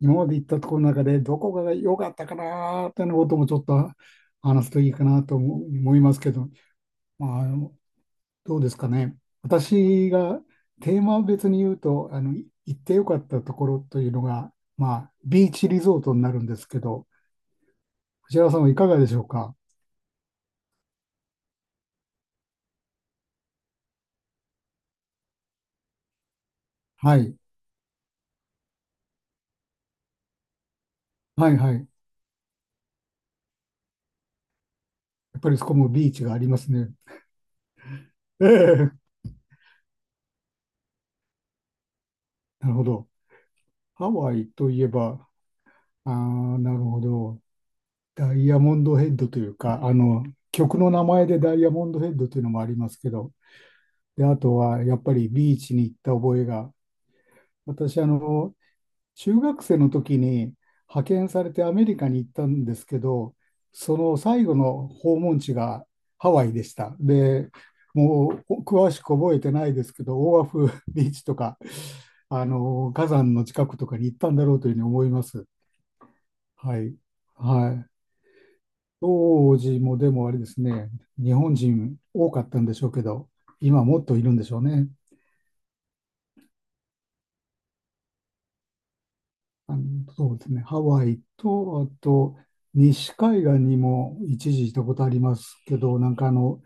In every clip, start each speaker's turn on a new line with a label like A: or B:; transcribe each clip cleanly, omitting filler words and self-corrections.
A: 今まで行ったところの中でどこが良かったかなーっていうのこともちょっと話すといいかなと思いますけど、まあ、どうですかね。私がテーマ別に言うと、行って良かったところというのが、まあ、ビーチリゾートになるんですけど、藤原さんはいかがでしょうか。はい。はいはい。やっぱりそこもビーチがありますね。ええ、なるほど。ハワイといえば、ああ、なるほど。ダイヤモンドヘッドというか、曲の名前でダイヤモンドヘッドというのもありますけど、で、あとはやっぱりビーチに行った覚えが、私、中学生の時に派遣されてアメリカに行ったんですけど、その最後の訪問地がハワイでした。で、もう詳しく覚えてないですけど、オアフビーチとか、火山の近くとかに行ったんだろうというふうに思います。はい。はい。当時もでもあれですね、日本人多かったんでしょうけど、今もっといるんでしょうね。あの、そうですね、ハワイと、あと、西海岸にも一時行ったことありますけど、なんか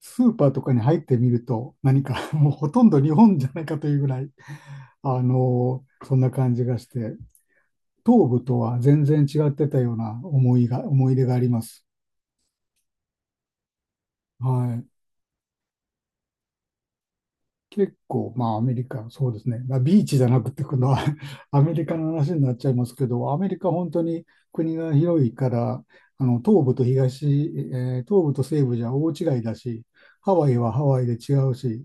A: スーパーとかに入ってみると、何か もうほとんど日本じゃないかというぐらい、そんな感じがして、東部とは全然違ってたような思いが、思い出があります。はい。結構、まあアメリカ、そうですね。まあビーチじゃなくて、この アメリカの話になっちゃいますけど、アメリカ本当に国が広いから、東部と東、えー東部と西部じゃ大違いだし、ハワイはハワイで違うし、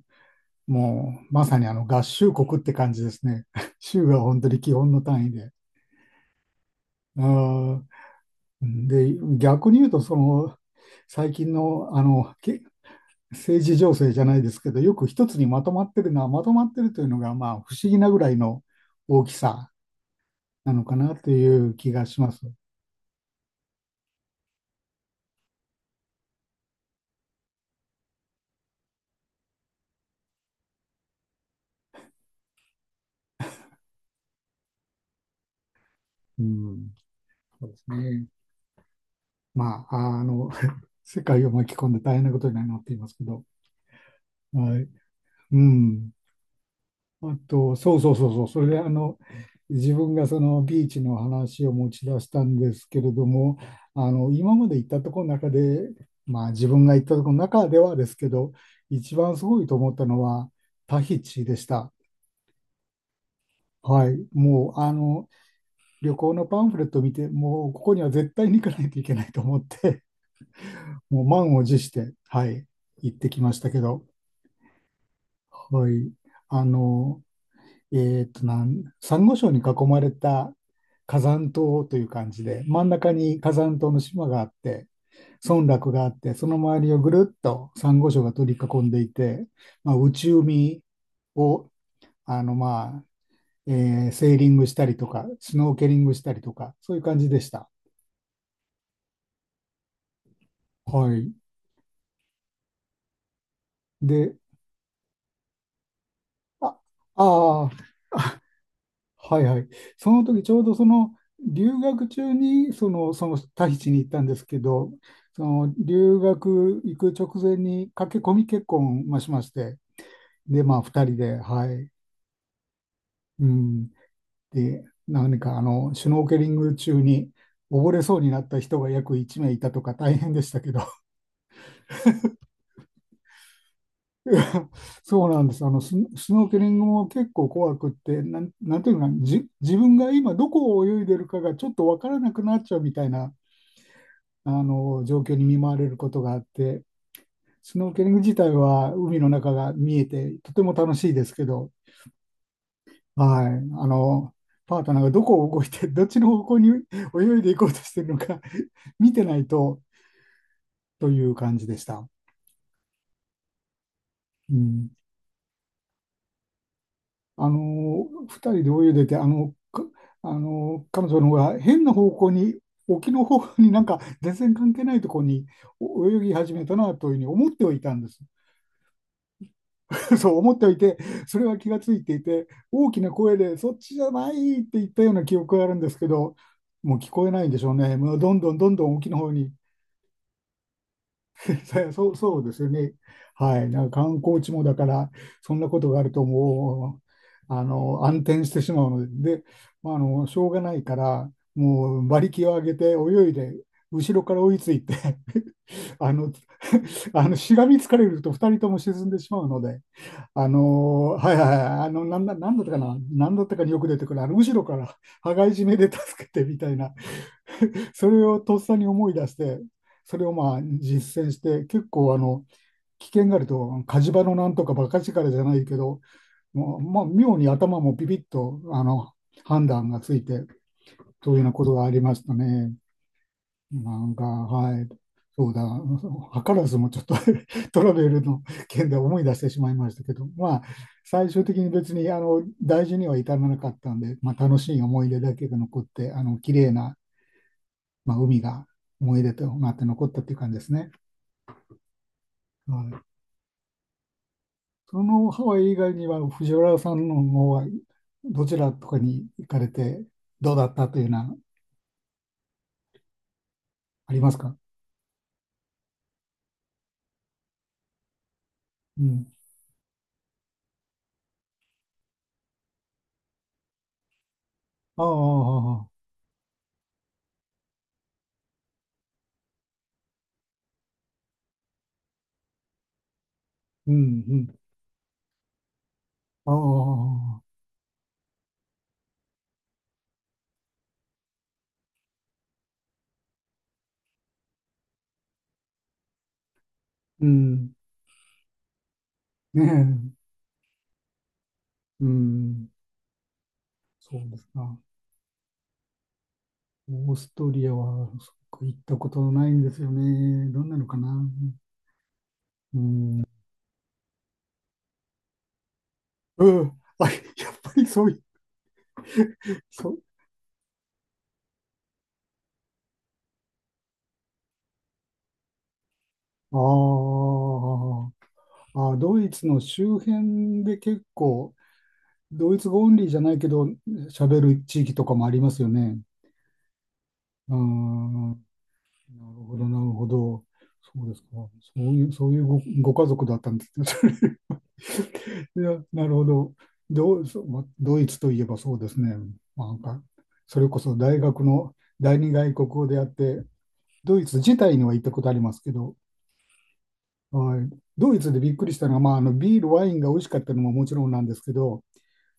A: もうまさに合衆国って感じですね。州が本当に基本の単位で。あーで、逆に言うと、その最近の、あのけ政治情勢じゃないですけど、よく一つにまとまってるのは、まとまってるというのが、まあ、不思議なぐらいの大きさなのかなという気がします。うん、そうですね。まあ、世界を巻き込んで大変なことになっていますけど、はい。うん。あと、そうそうそうそう、それで自分がそのビーチの話を持ち出したんですけれども、今まで行ったところの中で、まあ自分が行ったところの中ではですけど、一番すごいと思ったのはタヒチでした。はい。もう旅行のパンフレットを見て、もうここには絶対に行かないといけないと思って、もう満を持して、はい、行ってきましたけど、はい。あの、えっとなん、サンゴ礁に囲まれた火山島という感じで、真ん中に火山島の島があって、村落があって、その周りをぐるっとサンゴ礁が取り囲んでいて、まあ、内海をあの、まあセーリングしたりとか、スノーケリングしたりとか、そういう感じでした。はい。で、あ、ああ、はいはい。その時ちょうどその留学中にそのタヒチに行ったんですけど、その留学行く直前に駆け込み結婚まあしまして、で、まあ2人で、はい。うん。で、何かシュノーケリング中に溺れそうになった人が約1名いたとか大変でしたけど、そうなんです。スノーケリングも結構怖くって、なんていうのかな、自分が今どこを泳いでるかがちょっとわからなくなっちゃうみたいな状況に見舞われることがあって、スノーケリング自体は海の中が見えてとても楽しいですけど、はい、あのパートナーがどこを動いて、どっちの方向に泳いでいこうとしてるのか 見てないとという感じでした。うん、2人で泳いでて、あのか彼女の方が変な方向に、沖の方向になんか全然関係ないところにお泳ぎ始めたなというふうに思ってはいたんです。そう思っておいて、それは気がついていて、大きな声で、そっちじゃないって言ったような記憶があるんですけど、もう聞こえないんでしょうね。もうどんどんどんどん沖の方に行って、そう、そうですよね。はい。なんか観光地もだから、そんなことがあるともう、暗転してしまうので、で、まあ、しょうがないから、もう馬力を上げて泳いで、後ろから追いついて あの、しがみつかれると2人とも沈んでしまうので、はいはいはい、なんだったかな、なんだったかによく出てくる、後ろから羽交い締めで助けてみたいな、それをとっさに思い出して、それをまあ実践して、結構危険があると、火事場のなんとか馬鹿力じゃないけど、もう、まあ、妙に頭もビビッと、判断がついて、というようなことがありましたね。なんか、はい、そうだ、図らずもちょっと トラベルの件で思い出してしまいましたけど、まあ、最終的に別に大事には至らなかったんで、まあ、楽しい思い出だけが残って、あの綺麗な、まあ、海が思い出となって残ったっていう感じですね。はい、そのハワイ以外には、藤原さんの方はどちらとかに行かれて、どうだったというのはありますか？うん。ああ、うん、うん。ああ、うん。ねえ。うん、そうですか。オーストリアはそっか行ったことないんですよね。どんなのかな。うん。うん。あ、やっぱりそういう、そう。あ、ーあ、ドイツの周辺で結構、ドイツ語オンリーじゃないけど、喋る地域とかもありますよね。うん。なるほど、なるほど。そうですか。そういうご家族だったんですね。いや、なるほど。ドう、そうまあドイツといえばそうですね。まあなんか、それこそ大学の第二外国語であって、ドイツ自体には行ったことありますけど、はい、ドイツでびっくりしたのは、まあ、あのビール、ワインが美味しかったのももちろんなんですけど、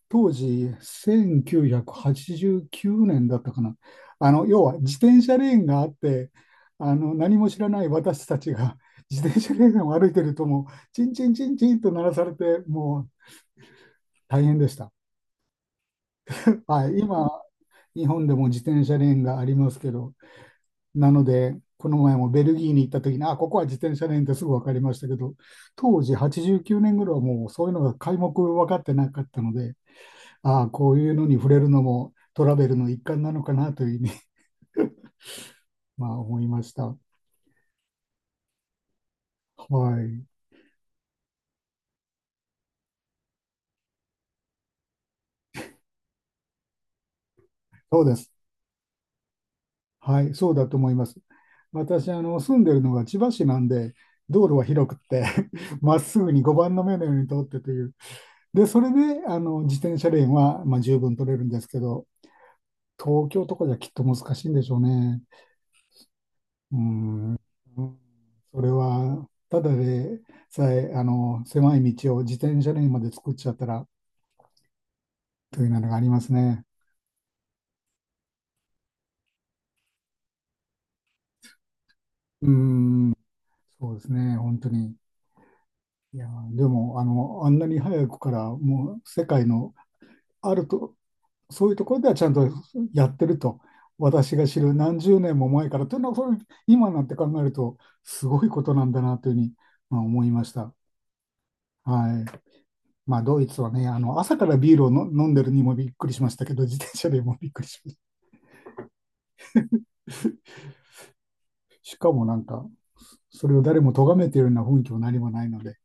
A: 当時、1989年だったかな。要は自転車レーンがあって、何も知らない私たちが 自転車レーンを歩いてると、もう、チンチンチンチンと鳴らされて、もう大変でした。はい、今、日本でも自転車レーンがありますけど、なので、この前もベルギーに行った時に、あ、ここは自転車レーンってすぐ分かりましたけど、当時89年いはもうそういうのが皆目分かってなかったので、ああ、こういうのに触れるのもトラベルの一環なのかなというふうに、まあ、思いました。はい、そうです。はい、そうだと思います。私、住んでるのが千葉市なんで、道路は広くって まっすぐに碁番の目のように通ってという、で、それで、自転車レーンは、まあ、十分取れるんですけど、東京とかじゃきっと難しいんでしょうね。うん。うん。それは、ただでさえ、狭い道を自転車レーンまで作っちゃったら、というのがありますね。うん。そうですね、本当に。いやー、でも、あんなに早くから、もう、世界のあると、そういうところではちゃんとやってると、私が知る何十年も前からというのは、それ今なんて考えると、すごいことなんだなというふうに、まあ、思いました。はい。まあ、ドイツはね、朝からビールを飲んでるにもびっくりしましたけど、自転車でもびっくりしました。しかもなんか、それを誰も咎めているような雰囲気も何もないので、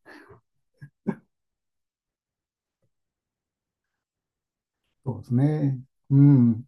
A: そうですね。うん。